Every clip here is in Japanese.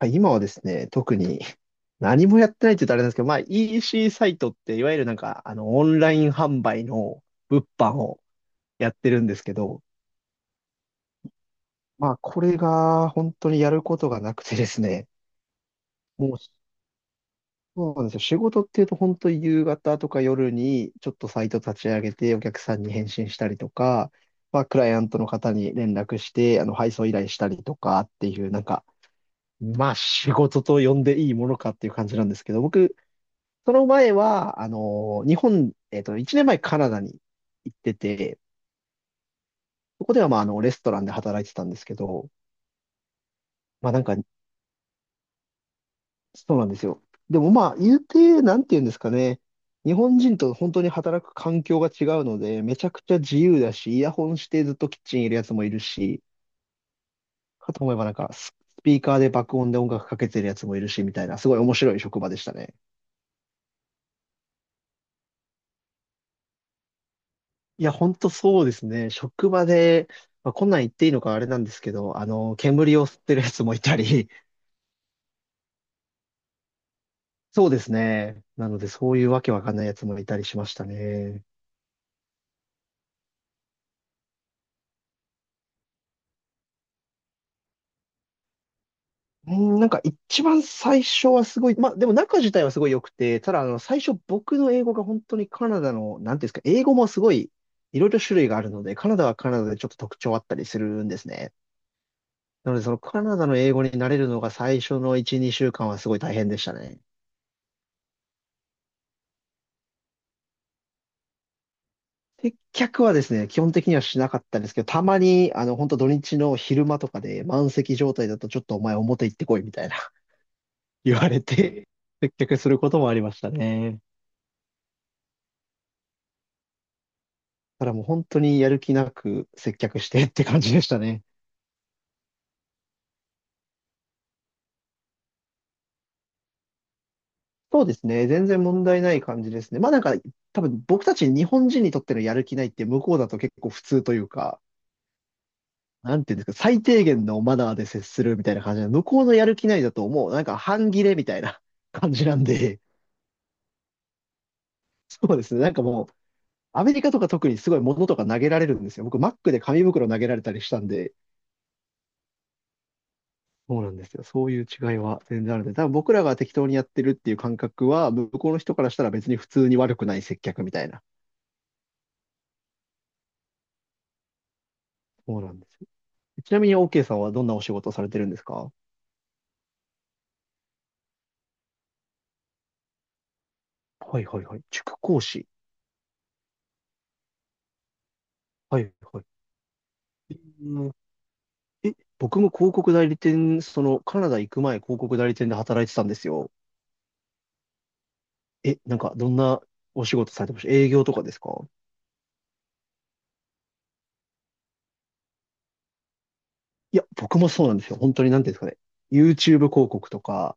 はい今はですね、特に何もやってないって言うとあれなんですけど、まあ EC サイトっていわゆるなんかオンライン販売の物販をやってるんですけど、まあこれが本当にやることがなくてですね、もうそうなんですよ。仕事っていうと本当に夕方とか夜にちょっとサイト立ち上げてお客さんに返信したりとか、まあクライアントの方に連絡して配送依頼したりとかっていうなんか、まあ仕事と呼んでいいものかっていう感じなんですけど、僕その前は、あの、日本、えっと、1年前カナダに行ってて、そこではまあ、レストランで働いてたんですけど、まあなんか、そうなんですよ。でもまあ、言うて、なんて言うんですかね。日本人と本当に働く環境が違うので、めちゃくちゃ自由だし、イヤホンしてずっとキッチンいるやつもいるし、かと思えばなんか、スピーカーで爆音で音楽かけてるやつもいるし、みたいな、すごい面白い職場でしたね。いや、ほんとそうですね。職場で、まあ、こんなん言っていいのかあれなんですけど、煙を吸ってるやつもいたり、そうですね。なので、そういうわけわかんないやつもいたりしましたね。うん、なんか一番最初はすごい、まあでも中自体はすごい良くて、ただ最初僕の英語が本当にカナダの、なんていうんですか、英語もすごいいろいろ種類があるので、カナダはカナダでちょっと特徴あったりするんですね。なのでそのカナダの英語に慣れるのが最初の1、2週間はすごい大変でしたね。接客はですね、基本的にはしなかったんですけど、たまに、本当土日の昼間とかで満席状態だと、ちょっとお前表行ってこいみたいな 言われて、接客することもありましたね。だからもう本当にやる気なく接客してって感じでしたね。そうですね。全然問題ない感じですね。まあなんか、多分僕たち日本人にとってのやる気ないって向こうだと結構普通というか、なんていうんですか、最低限のマナーで接するみたいな感じで、向こうのやる気ないだともうなんか半切れみたいな感じなんで、そうですね。なんかもう、アメリカとか特にすごい物とか投げられるんですよ。僕、マックで紙袋投げられたりしたんで、そうなんですよ。そういう違いは全然あるんで、多分僕らが適当にやってるっていう感覚は、向こうの人からしたら別に普通に悪くない接客みたいな。そうなんですよ。ちなみに OK さんはどんなお仕事をされてるんですか？はいはいはい。塾講師。はいはい。うん、え、僕も広告代理店、そのカナダ行く前広告代理店で働いてたんですよ。え、なんかどんなお仕事されてました営業とかですか？いや、僕もそうなんですよ。本当になんていうんですかね。YouTube 広告とか、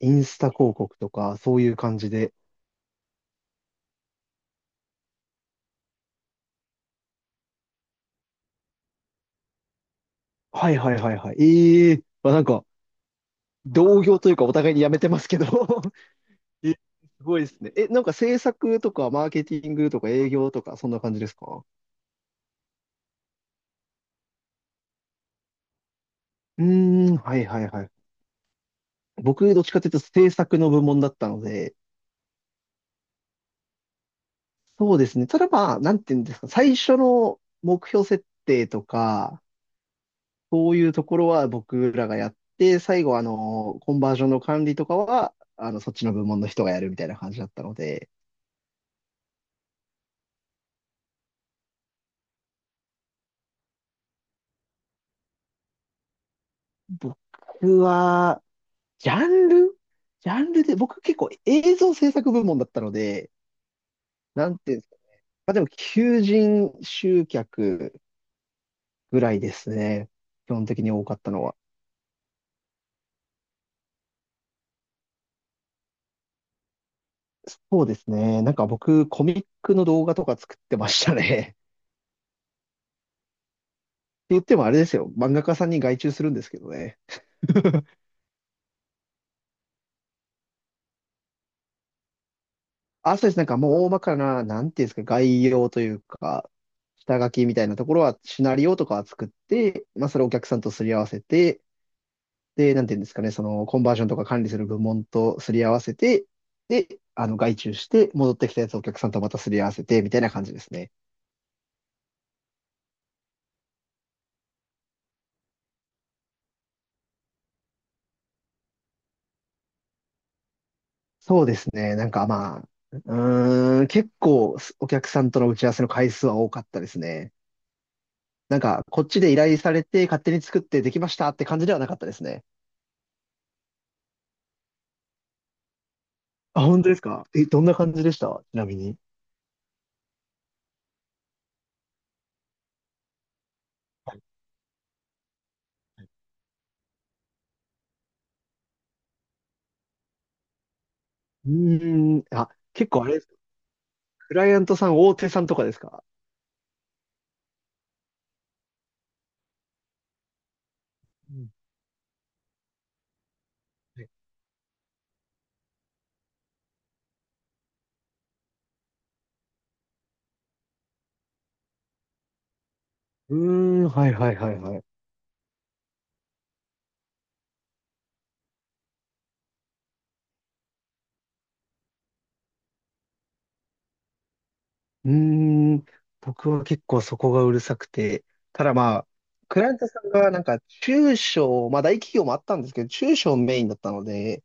インスタ広告とか、そういう感じで。はいはいはいはい。ええまあなんか、同業というかお互いにやめてますけど え、すごいですね。え、なんか制作とか、マーケティングとか、営業とか、そんな感じですか？うーん、はいはいはい。僕、どっちかというと制作の部門だったので、そうですね。ただまあ、なんていうんですか、最初の目標設定とか、そういうところは僕らがやって、最後、コンバージョンの管理とかは、そっちの部門の人がやるみたいな感じだったので、僕は、ジャンルジャンルで、僕結構映像制作部門だったので、なんていうんですか。まあでも、求人集客ぐらいですね。基本的に多かったのは。そうですね。なんか僕、コミックの動画とか作ってましたね。って言ってもあれですよ。漫画家さんに外注するんですけどね。あ、そうです。なんかもう大まかな、なんていうんですか、概要というか、下書きみたいなところは、シナリオとかは作って、まあ、それをお客さんとすり合わせて、で、なんていうんですかね、その、コンバージョンとか管理する部門とすり合わせて、で、外注して、戻ってきたやつをお客さんとまたすり合わせて、みたいな感じですね。そうですね。なんかまあ、うーん、結構、お客さんとの打ち合わせの回数は多かったですね。なんか、こっちで依頼されて、勝手に作ってできましたって感じではなかったですね。あ、本当ですかえ、どんな感じでしたちなみに。うーん、あ、結構あれですかクライアントさん、大手さんとかですか？うんはいうーん、はいはいはいはい。うーん、僕は結構そこがうるさくて、ただまあ、クライアントさんがなんか中小、まあ大企業もあったんですけど、中小メインだったので、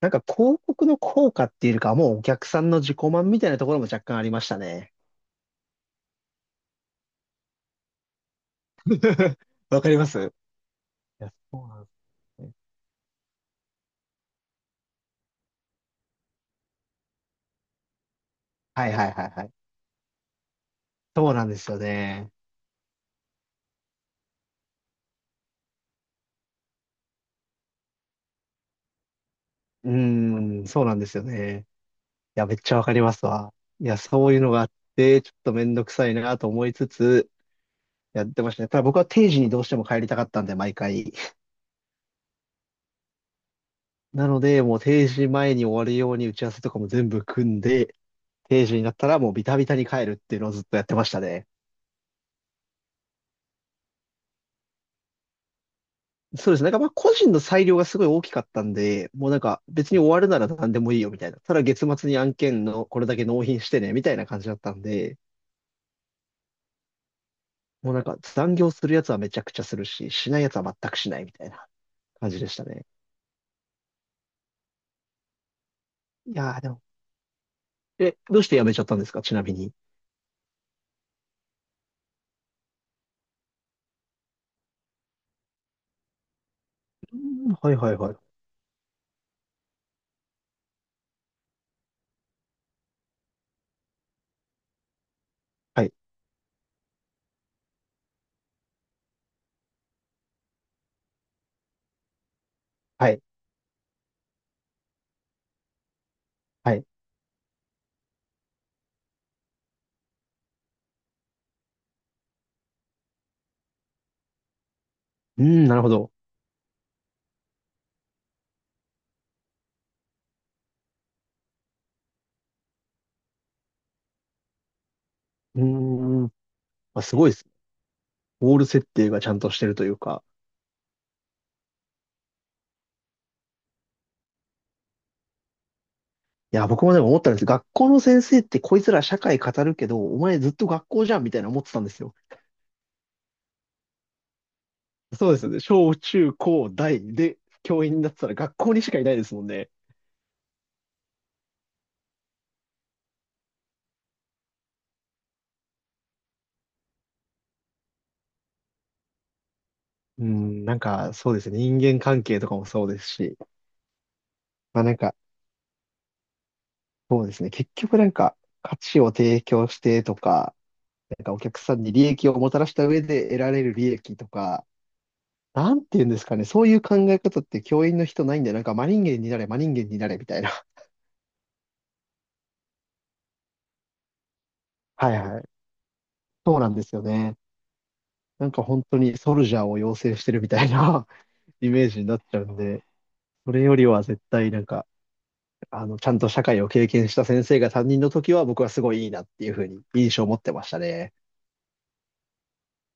なんか広告の効果っていうよりかは、もうお客さんの自己満みたいなところも若干ありましたね。わかりますいや、そうなんですね。はいはいはいはい。そうなんですよね。うーん、そうなんですよね。いや、めっちゃわかりますわ。いや、そういうのがあって、ちょっとめんどくさいなと思いつつ、やってましたね。ただ僕は定時にどうしても帰りたかったんで、毎回。なので、もう定時前に終わるように打ち合わせとかも全部組んで、定時になったらもうビタビタに帰るっていうのをずっとやってましたね。そうですね。なんかまあ個人の裁量がすごい大きかったんで、もうなんか別に終わるなら何でもいいよみたいな。ただ月末に案件のこれだけ納品してね、みたいな感じだったんで、もうなんか残業するやつはめちゃくちゃするし、しないやつは全くしないみたいな感じでしたね。いやーでも、え、どうして辞めちゃったんですかちなみに。うんはいはいはい。はい、はい、はい。うーん、なるほど。うーん、まあ、すごいですね。ゴール設定がちゃんとしてるというか。いや、僕もでも思ったんです。学校の先生ってこいつら社会語るけど、お前ずっと学校じゃんみたいな思ってたんですよ。そうですよね。小中高大で教員になってたら学校にしかいないですもんね。うん、なんかそうですね。人間関係とかもそうですし。まあなんか、そうですね。結局なんか価値を提供してとか、なんかお客さんに利益をもたらした上で得られる利益とか、なんていうんですかね。そういう考え方って教員の人ないんで、なんか真人間になれ、真人間になれみたいな。はいはい。そうなんですよね。なんか本当にソルジャーを養成してるみたいな イメージになっちゃうんで、それよりは絶対なんか、ちゃんと社会を経験した先生が担任の時は僕はすごいいいなっていうふうに印象を持ってましたね。